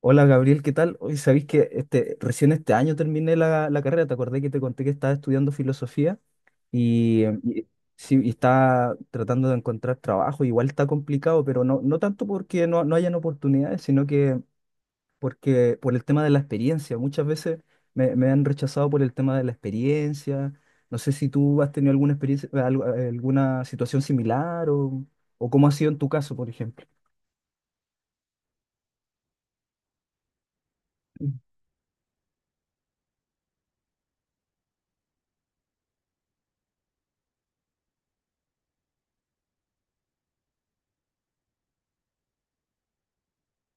Hola Gabriel, ¿qué tal? Hoy sabéis que recién este año terminé la carrera, te acordé que te conté que estaba estudiando filosofía. y, eh, y- sí, y estaba tratando de encontrar trabajo, igual está complicado, pero no, no tanto porque no, no hayan oportunidades, sino que porque por el tema de la experiencia. Muchas veces me han rechazado por el tema de la experiencia. No sé si tú has tenido alguna experiencia, alguna situación similar, o cómo ha sido en tu caso, por ejemplo.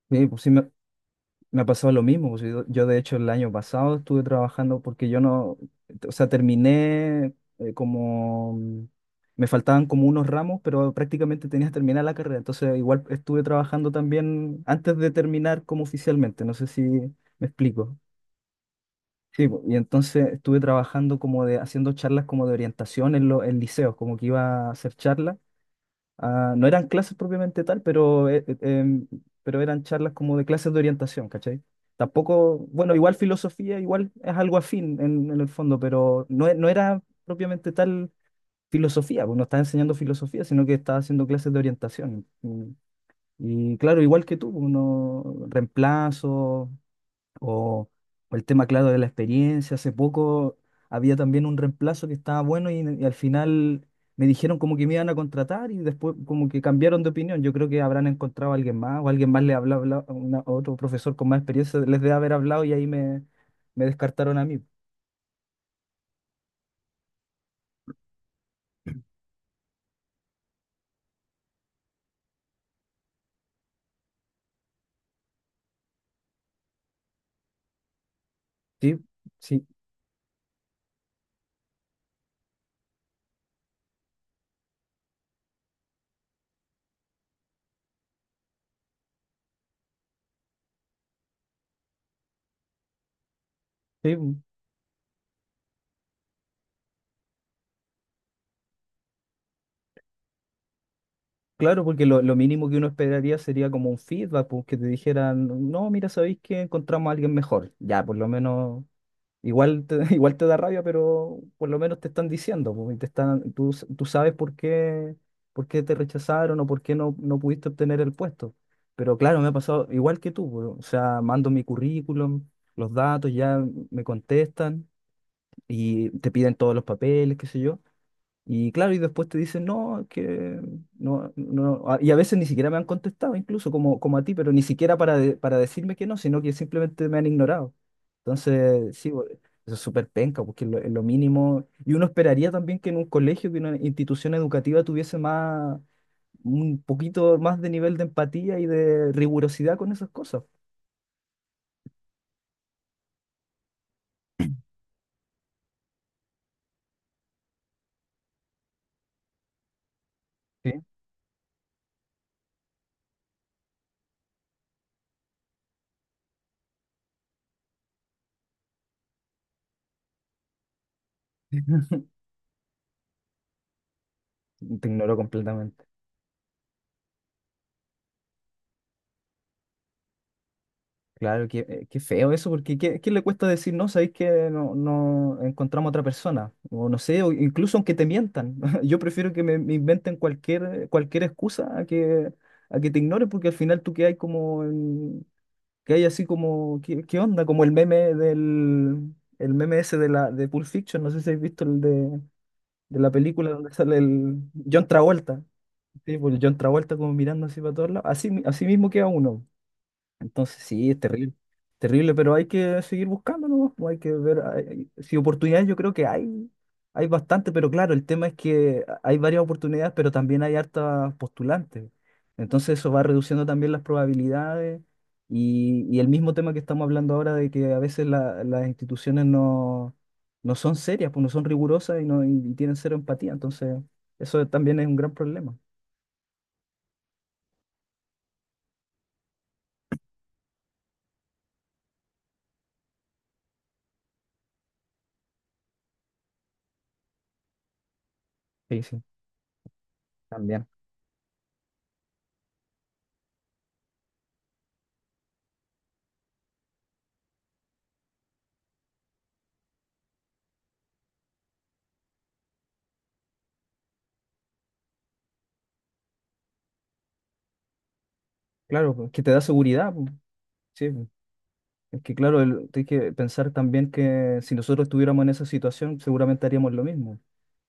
Sí, pues sí, me ha pasado lo mismo, pues. Yo, de hecho el año pasado estuve trabajando porque yo no, o sea, terminé, como, me faltaban como unos ramos, pero prácticamente tenía que terminar la carrera. Entonces igual estuve trabajando también antes de terminar como oficialmente. No sé si me explico. Sí, po, y entonces estuve trabajando como de, haciendo charlas como de orientación en, en liceos, como que iba a hacer charlas. Ah, no eran clases propiamente tal, pero, pero eran charlas como de clases de orientación, ¿cachai? Tampoco, bueno, igual filosofía, igual es algo afín en el fondo, pero no, no era propiamente tal filosofía, pues no estaba enseñando filosofía, sino que estaba haciendo clases de orientación. Y, claro, igual que tú, uno reemplazo, o, o el tema, claro, de la experiencia. Hace poco había también un reemplazo que estaba bueno y al final me dijeron como que me iban a contratar y después como que cambiaron de opinión. Yo creo que habrán encontrado a alguien más, o alguien más le habló, a otro profesor con más experiencia les debe haber hablado, y ahí me descartaron a mí. Sí, sí, sí. Claro, porque lo mínimo que uno esperaría sería como un feedback, pues, que te dijeran: no, mira, sabéis que encontramos a alguien mejor. Ya, por lo menos igual te, igual te da rabia, pero por lo menos te están diciendo, po, y te están, tú, tú sabes por qué, te rechazaron, o por qué no, no pudiste obtener el puesto. Pero claro, me ha pasado igual que tú, po, o sea, mando mi currículum, los datos, ya me contestan y te piden todos los papeles, qué sé yo. Y claro, y después te dicen: no, es que no, no, y a veces ni siquiera me han contestado, incluso como, como a ti, pero ni siquiera para, para decirme que no, sino que simplemente me han ignorado. Entonces, sí, eso es súper penca, porque es lo mínimo. Y uno esperaría también que en un colegio, que una institución educativa, tuviese más, un poquito más de nivel de empatía y de rigurosidad con esas cosas. Sí. Te ignoro completamente. Claro, qué feo eso, porque ¿qué le cuesta decir no? Sabéis que no, no encontramos otra persona, o no sé, o incluso aunque te mientan. Yo prefiero que me inventen cualquier, cualquier excusa, a que te ignoren, porque al final tú que hay como, que hay así como, ¿qué onda? Como el meme ese de Pulp Fiction, no sé si habéis visto el de la película donde sale el John Travolta, sí, pues el John Travolta como mirando así para todos lados, así, así mismo queda uno. Entonces sí, es terrible, terrible, pero hay que seguir buscando, ¿no? Pues hay que ver, si oportunidades, yo creo que hay bastante, pero claro, el tema es que hay varias oportunidades, pero también hay hartas postulantes. Entonces eso va reduciendo también las probabilidades, y el mismo tema que estamos hablando ahora: de que a veces las instituciones no, no son serias, pues no son rigurosas, y, no, y tienen cero empatía. Entonces eso también es un gran problema. Sí, sí, también. Claro, pues, que te da seguridad, pues. Sí, pues. Es que claro, hay que pensar también que si nosotros estuviéramos en esa situación, seguramente haríamos lo mismo.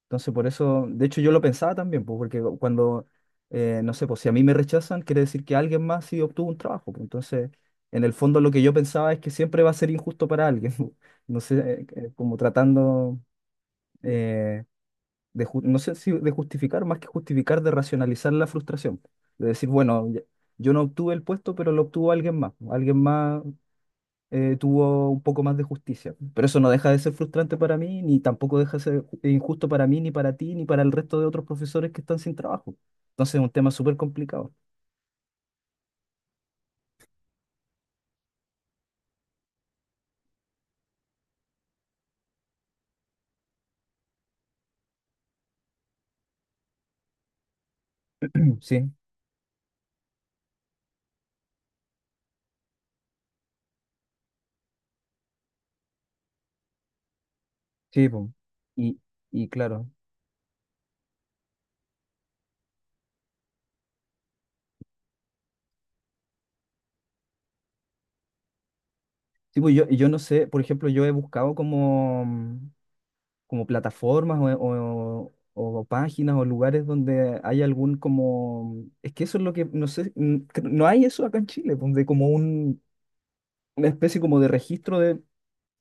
Entonces, por eso, de hecho, yo lo pensaba también, pues, porque cuando, no sé, pues si a mí me rechazan, quiere decir que alguien más sí obtuvo un trabajo, pues. Entonces, en el fondo, lo que yo pensaba es que siempre va a ser injusto para alguien. No sé, como tratando, eh, de, no sé si de justificar, más que justificar, de racionalizar la frustración. De decir: bueno, yo no obtuve el puesto, pero lo obtuvo alguien más. Alguien más, tuvo un poco más de justicia. Pero eso no deja de ser frustrante para mí, ni tampoco deja de ser injusto para mí, ni para ti, ni para el resto de otros profesores que están sin trabajo. Entonces es un tema súper complicado. Sí, sí, po. Y, y, claro, sí, pues yo no sé, por ejemplo, yo he buscado como, como plataformas o, o páginas o lugares donde hay algún como... Es que eso es lo que, no sé, no hay eso acá en Chile, donde como un, una especie como de registro de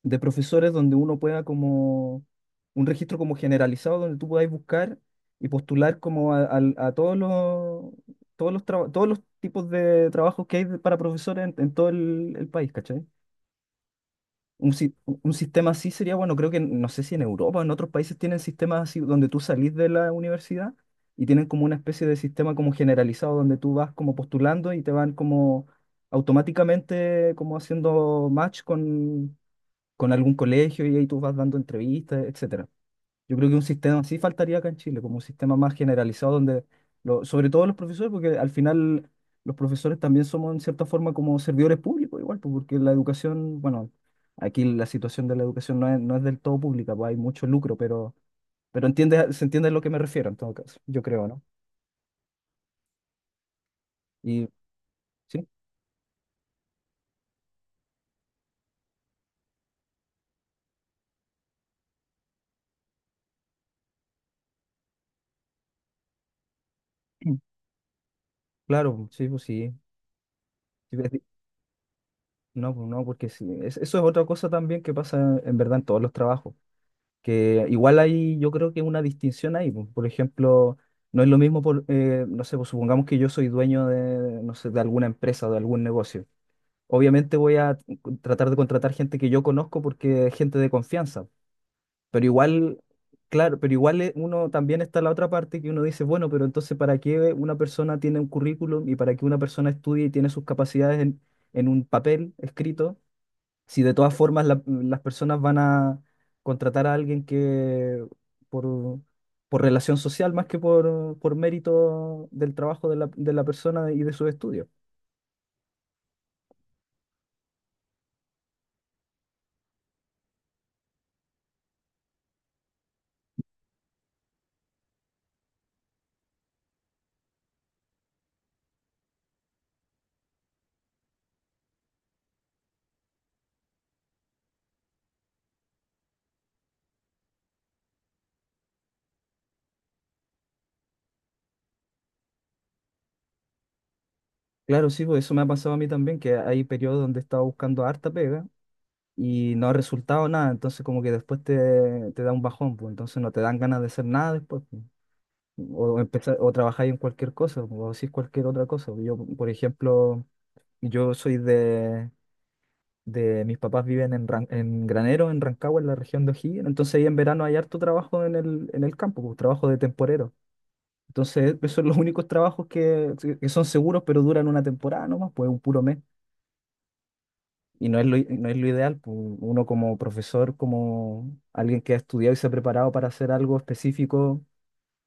profesores, donde uno pueda como un registro como generalizado donde tú podáis buscar y postular como a todos los tipos de trabajos que hay para profesores en todo el país, ¿cachai? Un, si- un sistema así sería bueno, creo que, no sé si en Europa o en otros países tienen sistemas así donde tú salís de la universidad y tienen como una especie de sistema como generalizado donde tú vas como postulando y te van como automáticamente como haciendo match con algún colegio, y ahí tú vas dando entrevistas, etcétera. Yo creo que un sistema así faltaría acá en Chile, como un sistema más generalizado donde, sobre todo los profesores, porque al final los profesores también somos en cierta forma como servidores públicos igual, pues, porque la educación, bueno, aquí la situación de la educación no es del todo pública, pues hay mucho lucro, pero, entiende, se entiende a lo que me refiero en todo caso, yo creo, ¿no? Y sí, claro, pues, sí, pues sí. Sí, pues, no, pues no, porque sí, eso es otra cosa también que pasa en verdad en todos los trabajos, que igual hay, yo creo, que una distinción ahí, po. Por ejemplo, no es lo mismo, por, no sé, pues supongamos que yo soy dueño de, no sé, de alguna empresa o de algún negocio. Obviamente voy a tratar de contratar gente que yo conozco, porque es gente de confianza, pero igual, claro, pero igual, uno también está la otra parte, que uno dice: bueno, pero entonces, ¿para qué una persona tiene un currículum, y para qué una persona estudie y tiene sus capacidades en, un papel escrito? Si de todas formas las personas van a contratar a alguien que por, por, relación social, más que por mérito del trabajo de la persona y de sus estudios. Claro, sí, pues eso me ha pasado a mí también, que hay periodos donde he estado buscando harta pega y no ha resultado nada, entonces como que después te da un bajón, pues entonces no te dan ganas de hacer nada después, pues. O empezar, o trabajar en cualquier cosa, o decir cualquier otra cosa. Yo, por ejemplo, yo soy de mis papás viven en, en Granero, en Rancagua, en la región de O'Higgins, entonces ahí en verano hay harto trabajo en el, campo, pues, trabajo de temporero. Entonces, esos son los únicos trabajos que son seguros, pero duran una temporada nomás, pues un puro mes. Y no es lo, no es lo ideal, pues, uno como profesor, como alguien que ha estudiado y se ha preparado para hacer algo específico,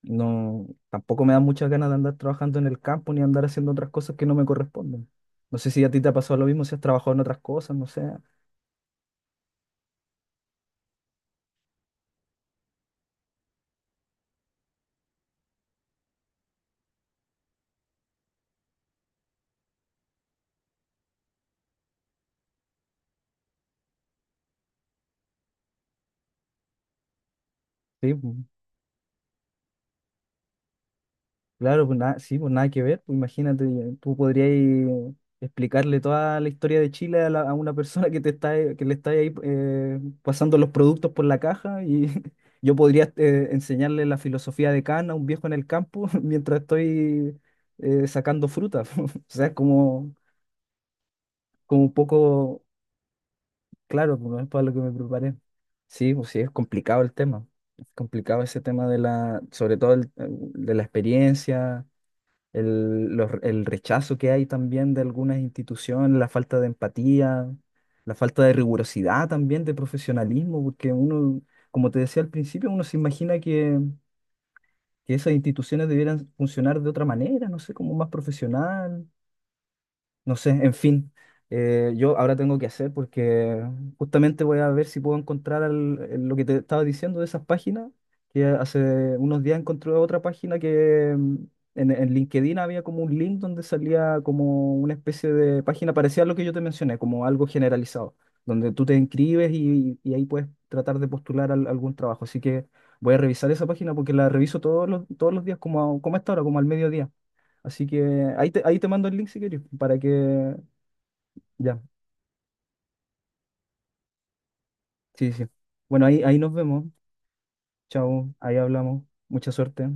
no, tampoco me da muchas ganas de andar trabajando en el campo, ni andar haciendo otras cosas que no me corresponden. No sé si a ti te ha pasado lo mismo, si has trabajado en otras cosas, no sé. Sí, pues, claro, pues nada, sí, pues nada que ver. Pues imagínate, tú podrías explicarle toda la historia de Chile a, a una persona que te está, que le está ahí, pasando los productos por la caja, y yo podría, enseñarle la filosofía de Kant a un viejo en el campo mientras estoy, sacando fruta. O sea, es como, como un poco, claro, pues no es para lo que me preparé. Sí, pues sí, es complicado el tema. Es complicado ese tema de la, sobre todo de la experiencia, el rechazo que hay también de algunas instituciones, la falta de empatía, la falta de rigurosidad también, de profesionalismo, porque uno, como te decía al principio, uno se imagina que, esas instituciones debieran funcionar de otra manera, no sé, como más profesional, no sé, en fin, yo ahora tengo que hacer porque justamente voy a ver si puedo encontrar, lo que te estaba diciendo de esas páginas, que hace unos días encontré otra página que, en LinkedIn había como un link donde salía como una especie de página parecida a lo que yo te mencioné, como algo generalizado, donde tú te inscribes y ahí puedes tratar de postular algún trabajo. Así que voy a revisar esa página porque la reviso todos los, días, como, como a esta hora, como al mediodía. Así que ahí te mando el link si querés, para que... Ya, sí, sí. Bueno, ahí nos vemos. Chao, ahí hablamos. Mucha suerte.